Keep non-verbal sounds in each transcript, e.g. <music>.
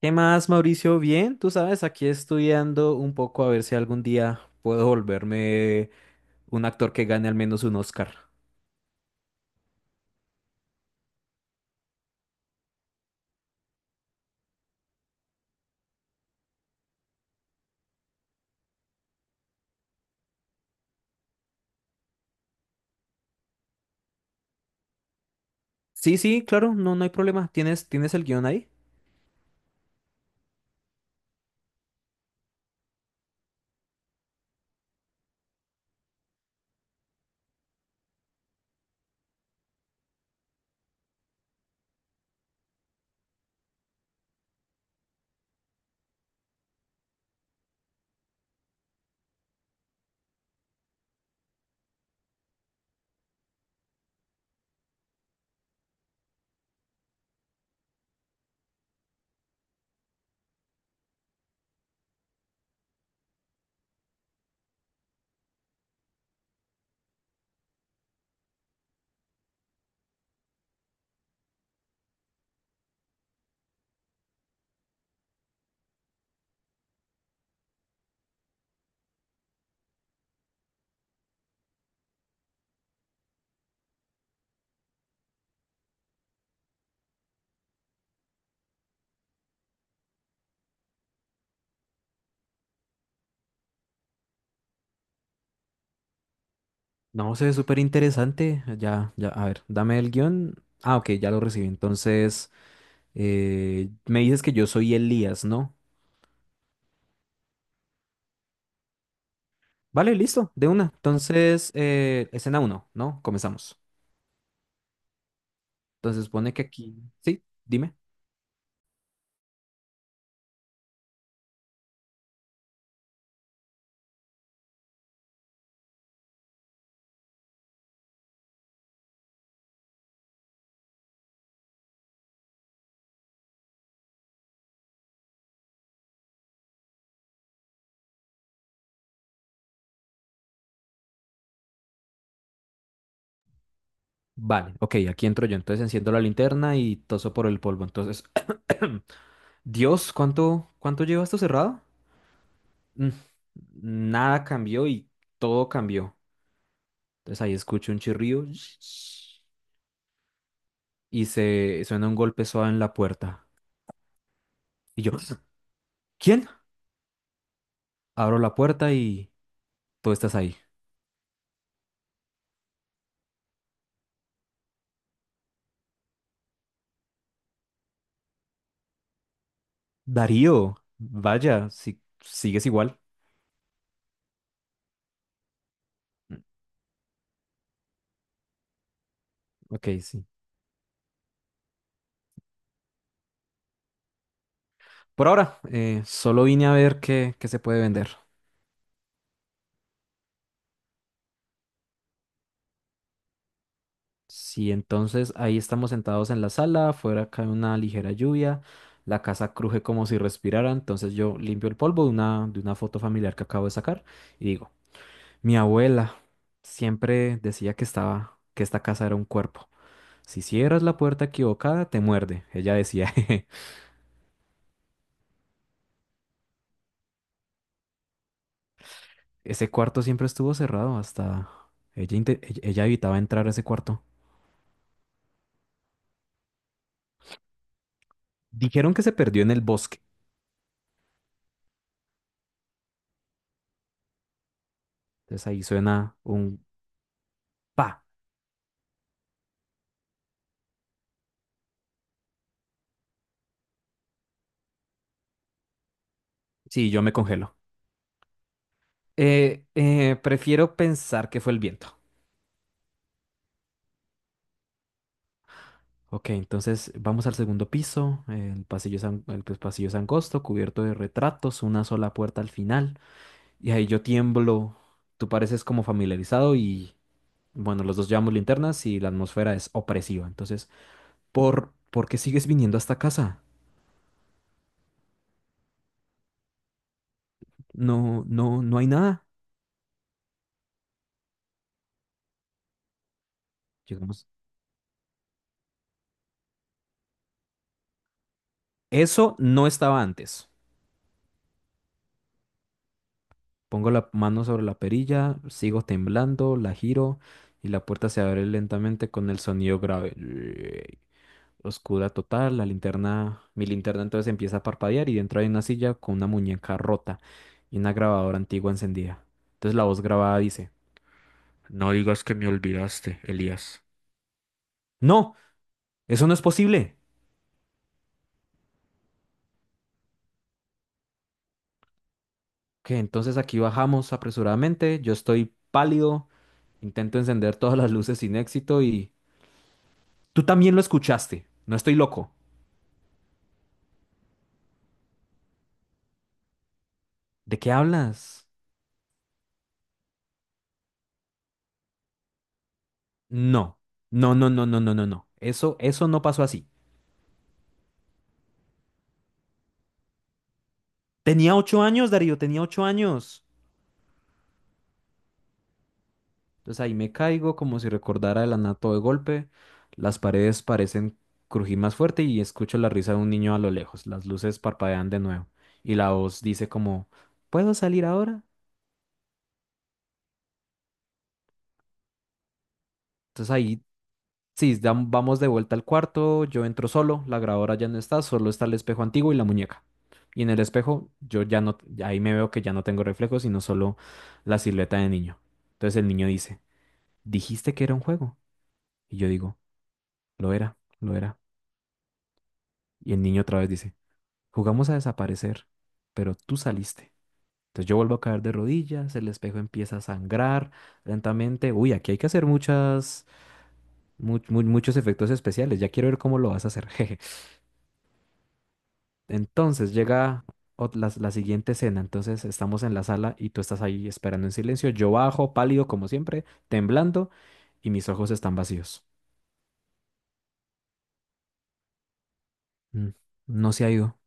¿Qué más, Mauricio? Bien, tú sabes, aquí estudiando un poco a ver si algún día puedo volverme un actor que gane al menos un Oscar. Sí, sí, claro, no, no hay problema. ¿Tienes el guión ahí? No, se ve súper interesante. Ya, ya, a ver, dame el guión. Ah, ok, ya lo recibí. Entonces, me dices que yo soy Elías, ¿no? Vale, listo, de una. Entonces, escena uno, ¿no? Comenzamos. Entonces, pone que aquí... Sí, dime. Vale, ok, aquí entro yo. Entonces enciendo la linterna y toso por el polvo. Entonces, <coughs> <clears throat> Dios, ¿cuánto lleva esto cerrado? Mm, Nada cambió y todo cambió. Entonces ahí escucho un chirrío y se suena un golpe suave en la puerta. Y yo, <coughs> ¿quién? Abro la puerta y tú estás ahí. Darío, vaya, si sigues igual. Mm, ok, sí. Por ahora, solo vine a ver qué se puede vender. Sí, entonces ahí estamos sentados en la sala, afuera cae una ligera lluvia, la casa cruje como si respirara, entonces yo limpio el polvo de una foto familiar que acabo de sacar y digo, mi abuela siempre decía que esta casa era un cuerpo. Si cierras la puerta equivocada, te muerde. Ella decía, <laughs> "Jeje". Ese cuarto siempre estuvo cerrado hasta ella, ella evitaba entrar a ese cuarto. Dijeron que se perdió en el bosque. Entonces ahí suena un pa. Sí, yo me congelo. Prefiero pensar que fue el viento. Ok, entonces vamos al segundo piso. El pasillo es, an- el pues, pasillo es angosto, cubierto de retratos, una sola puerta al final. Y ahí yo tiemblo. Tú pareces como familiarizado y, bueno, los dos llevamos linternas y la atmósfera es opresiva. Entonces, ¿por qué sigues viniendo a esta casa? No, no, no hay nada. Llegamos. Eso no estaba antes. Pongo la mano sobre la perilla, sigo temblando, la giro y la puerta se abre lentamente con el sonido grave. Oscura total, mi linterna entonces empieza a parpadear y dentro hay una silla con una muñeca rota y una grabadora antigua encendida. Entonces la voz grabada dice, no digas que me olvidaste, Elías. ¡No! ¡Eso no es posible! Que entonces aquí bajamos apresuradamente, yo estoy pálido, intento encender todas las luces sin éxito y. Tú también lo escuchaste, no estoy loco. ¿De qué hablas? No, no, no, no, no, no, no, no. Eso no pasó así. Tenía ocho años, Darío, tenía ocho años. Entonces ahí me caigo como si recordara el anato de golpe. Las paredes parecen crujir más fuerte y escucho la risa de un niño a lo lejos. Las luces parpadean de nuevo y la voz dice como, ¿puedo salir ahora? Entonces ahí sí, vamos de vuelta al cuarto, yo entro solo, la grabadora ya no está, solo está el espejo antiguo y la muñeca. Y en el espejo yo ya no, ahí me veo que ya no tengo reflejos, sino solo la silueta de niño. Entonces el niño dice, dijiste que era un juego. Y yo digo, lo era, lo era. Y el niño otra vez dice, jugamos a desaparecer, pero tú saliste. Entonces yo vuelvo a caer de rodillas, el espejo empieza a sangrar lentamente. Uy, aquí hay que hacer muchos efectos especiales, ya quiero ver cómo lo vas a hacer. <laughs> Entonces llega la siguiente escena. Entonces estamos en la sala y tú estás ahí esperando en silencio. Yo bajo, pálido como siempre, temblando y mis ojos están vacíos. Mm, no se ha ido.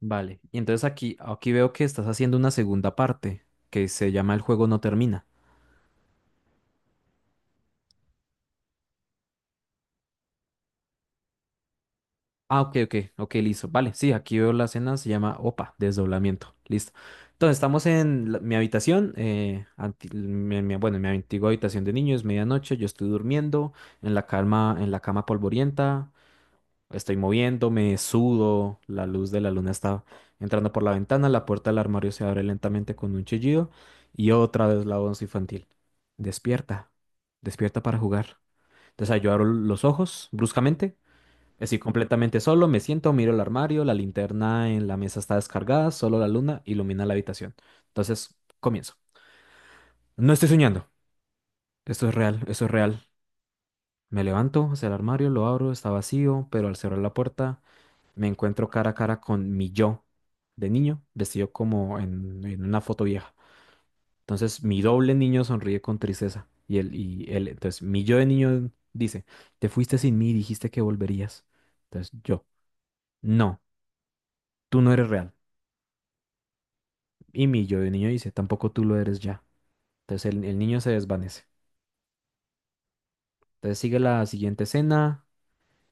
Vale. Y entonces aquí veo que estás haciendo una segunda parte que se llama El juego no termina. Ah, ok, ok, ok, listo. Vale, sí, aquí veo la escena, se llama OPA, desdoblamiento. Listo. Entonces, estamos mi habitación, bueno, en mi antigua habitación de niños, medianoche, yo estoy durmiendo en la cama polvorienta, estoy moviéndome, sudo, la luz de la luna está entrando por la ventana, la puerta del armario se abre lentamente con un chillido y otra vez la voz infantil. Despierta, despierta para jugar. Entonces, ahí yo abro los ojos bruscamente. Estoy completamente solo, me siento, miro el armario, la linterna en la mesa está descargada, solo la luna ilumina la habitación. Entonces, comienzo. No estoy soñando, esto es real, esto es real. Me levanto hacia el armario, lo abro, está vacío, pero al cerrar la puerta me encuentro cara a cara con mi yo de niño, vestido como en una foto vieja. Entonces, mi doble niño sonríe con tristeza entonces, mi yo de niño dice, te fuiste sin mí, dijiste que volverías. Entonces, yo, no, tú no eres real. Y mi yo de niño dice, tampoco tú lo eres ya. Entonces el niño se desvanece. Entonces sigue la siguiente escena.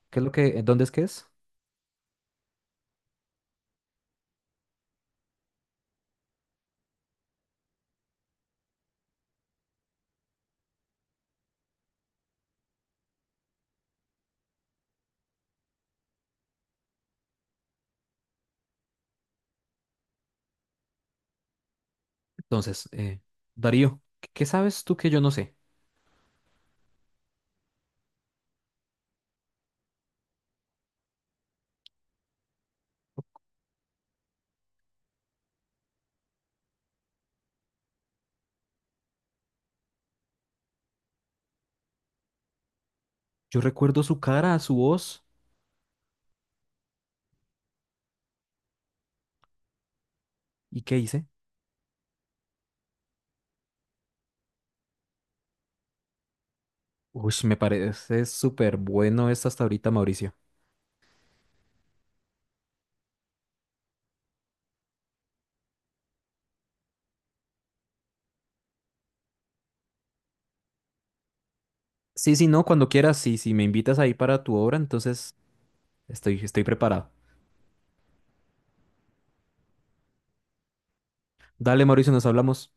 ¿Qué es lo que, dónde es que es? Entonces, Darío, ¿qué sabes tú que yo no sé? Yo recuerdo su cara, su voz. ¿Y qué hice? Uy, me parece súper bueno esto hasta ahorita, Mauricio. Sí, sí, no, cuando quieras, sí, si me invitas ahí para tu obra, entonces estoy preparado. Dale, Mauricio, nos hablamos.